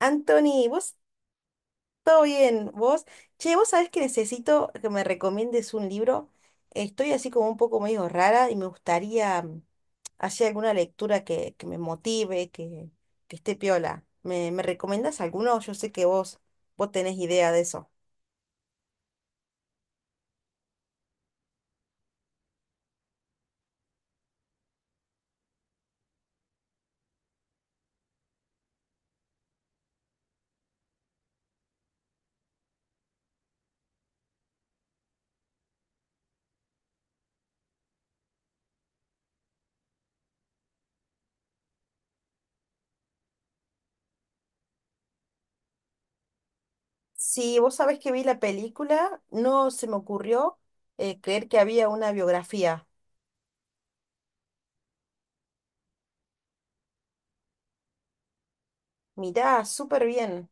Anthony, vos, todo bien, vos. Che, vos sabés que necesito que me recomiendes un libro. Estoy así como un poco medio rara y me gustaría hacer alguna lectura que me motive, que esté piola. ¿Me recomendás alguno? Yo sé que vos tenés idea de eso. Sí, vos sabés que vi la película, no se me ocurrió creer que había una biografía. Mirá, súper bien.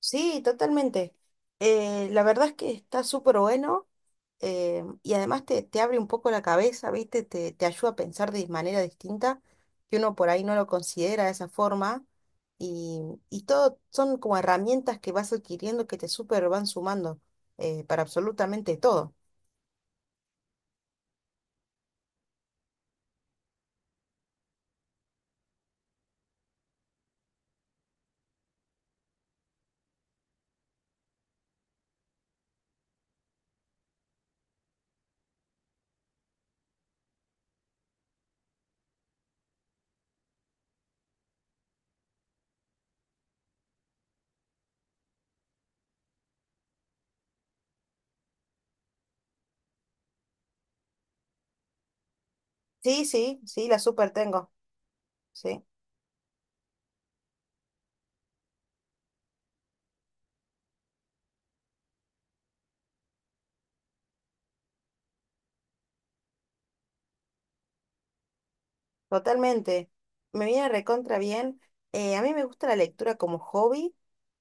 Sí, totalmente. La verdad es que está súper bueno, y además te abre un poco la cabeza, ¿viste? Te ayuda a pensar de manera distinta, que uno por ahí no lo considera de esa forma. Y, y todo son como herramientas que vas adquiriendo que te súper van sumando, para absolutamente todo. Sí, sí, sí, la súper tengo. Sí. Totalmente. Me viene recontra bien. A mí me gusta la lectura como hobby.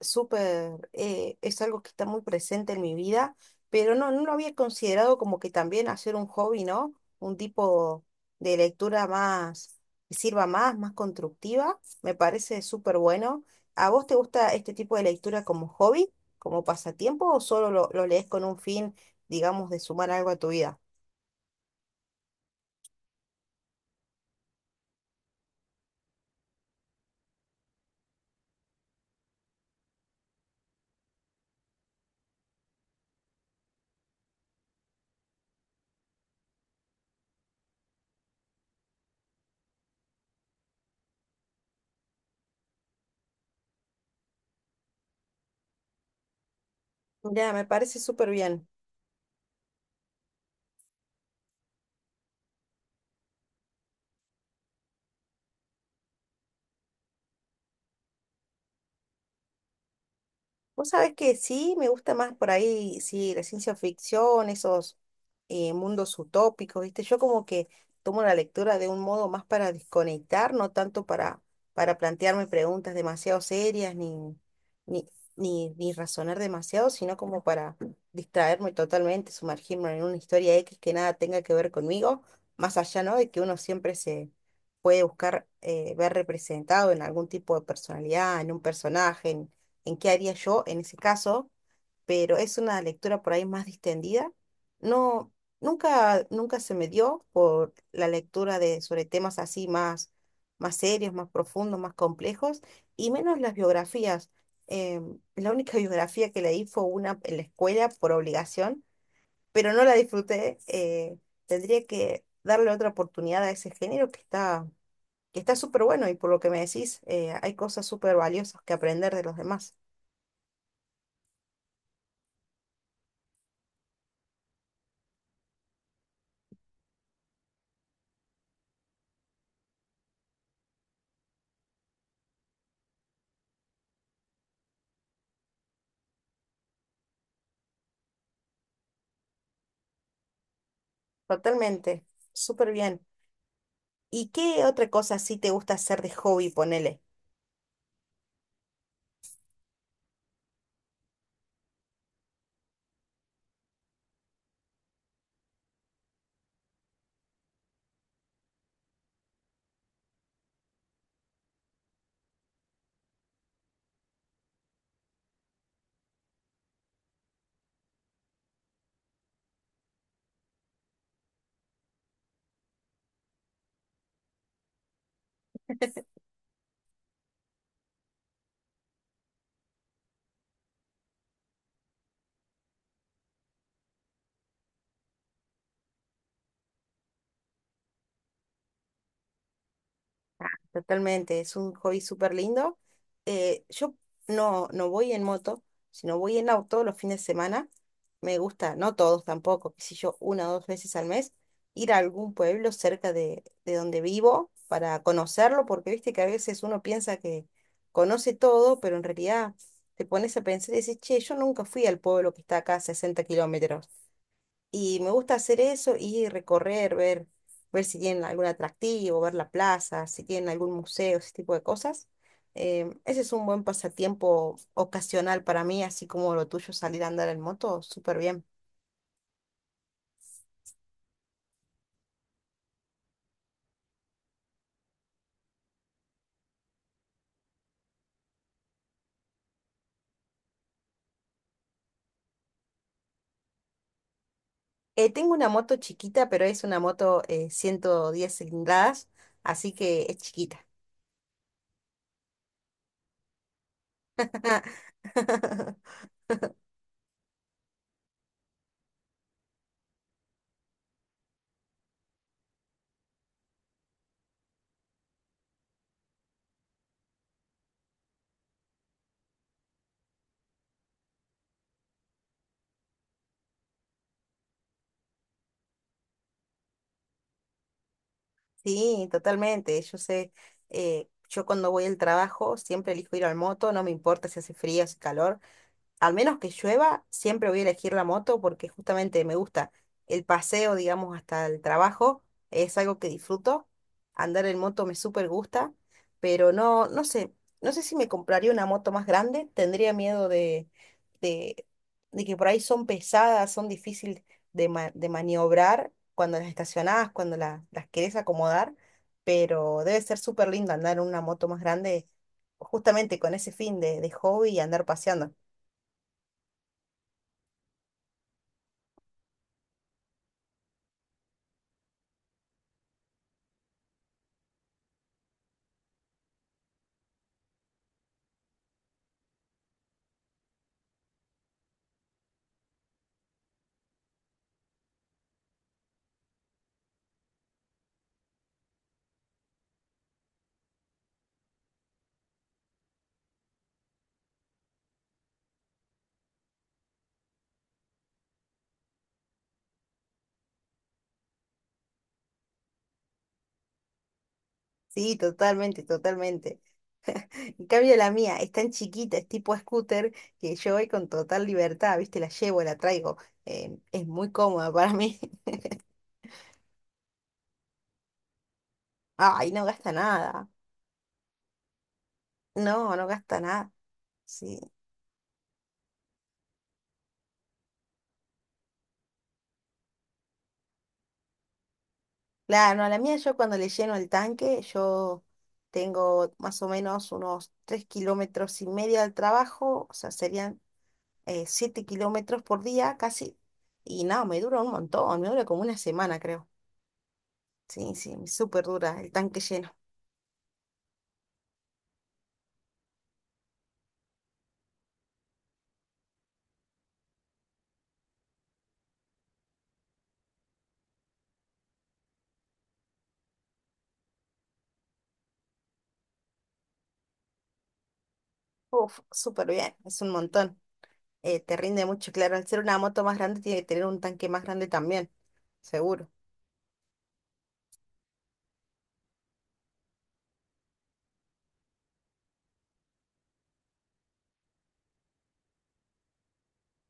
Súper, es algo que está muy presente en mi vida, pero no lo había considerado como que también hacer un hobby, ¿no? Un tipo de lectura más, que sirva más constructiva. Me parece súper bueno. ¿A vos te gusta este tipo de lectura como hobby, como pasatiempo, o solo lo lees con un fin, digamos, de sumar algo a tu vida? Ya, me parece súper bien. Vos sabés que sí, me gusta más por ahí, sí, la ciencia ficción, esos mundos utópicos, ¿viste? Yo como que tomo la lectura de un modo más para desconectar, no tanto para plantearme preguntas demasiado serias ni, ni razonar demasiado, sino como para distraerme totalmente, sumergirme en una historia X que nada tenga que ver conmigo, más allá, ¿no? De que uno siempre se puede buscar, ver representado en algún tipo de personalidad, en un personaje, en qué haría yo en ese caso, pero es una lectura por ahí más distendida. No, nunca se me dio por la lectura de sobre temas así más serios, más profundos, más complejos, y menos las biografías. La única biografía que leí fue una en la escuela por obligación, pero no la disfruté. Tendría que darle otra oportunidad a ese género que está súper bueno y por lo que me decís, hay cosas súper valiosas que aprender de los demás. Totalmente, súper bien. ¿Y qué otra cosa sí te gusta hacer de hobby, ponele? Totalmente, es un hobby súper lindo. Yo no voy en moto, sino voy en auto los fines de semana. Me gusta, no todos tampoco, qué sé yo, una o dos veces al mes, ir a algún pueblo cerca de donde vivo para conocerlo, porque viste que a veces uno piensa que conoce todo, pero en realidad te pones a pensar y dices, che, yo nunca fui al pueblo que está acá a 60 kilómetros. Y me gusta hacer eso y recorrer, ver si tienen algún atractivo, ver la plaza, si tienen algún museo, ese tipo de cosas. Ese es un buen pasatiempo ocasional para mí, así como lo tuyo, salir a andar en moto, súper bien. Tengo una moto chiquita, pero es una moto, 110 cilindradas, así que es chiquita. Sí, totalmente. Yo sé, yo cuando voy al trabajo siempre elijo ir al moto, no me importa si hace frío, si hace calor. Al menos que llueva, siempre voy a elegir la moto porque justamente me gusta el paseo, digamos, hasta el trabajo, es algo que disfruto. Andar en moto me súper gusta, pero no, no sé si me compraría una moto más grande, tendría miedo de, de que por ahí son pesadas, son difíciles de, de maniobrar cuando las estacionás, cuando las querés acomodar, pero debe ser súper lindo andar en una moto más grande. Justamente con ese fin de hobby y andar paseando. Sí, totalmente, totalmente. En cambio la mía es tan chiquita, es tipo scooter, que yo voy con total libertad, ¿viste? La llevo, la traigo. Es muy cómoda para mí. Ay, no gasta nada. No, no gasta nada. Sí. Claro, no, la mía yo cuando le lleno el tanque, yo tengo más o menos unos 3 kilómetros y medio al trabajo, o sea, serían, 7 kilómetros por día casi. Y no, me dura un montón, me dura como una semana, creo. Sí, sí, súper dura el tanque lleno. Uf, súper bien, es un montón. Te rinde mucho, claro. Al ser una moto más grande, tiene que tener un tanque más grande también, seguro.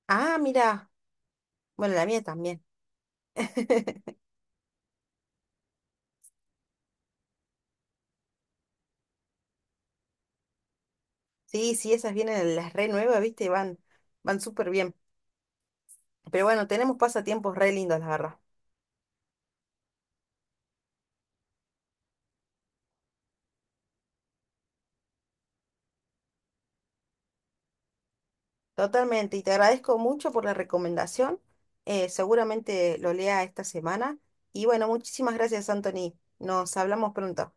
Ah, mira, bueno, la mía también. Sí, sí, esas vienen las re nuevas, viste, van súper bien. Pero bueno, tenemos pasatiempos re lindos, la verdad. Totalmente, y te agradezco mucho por la recomendación. Seguramente lo lea esta semana. Y bueno, muchísimas gracias, Anthony. Nos hablamos pronto.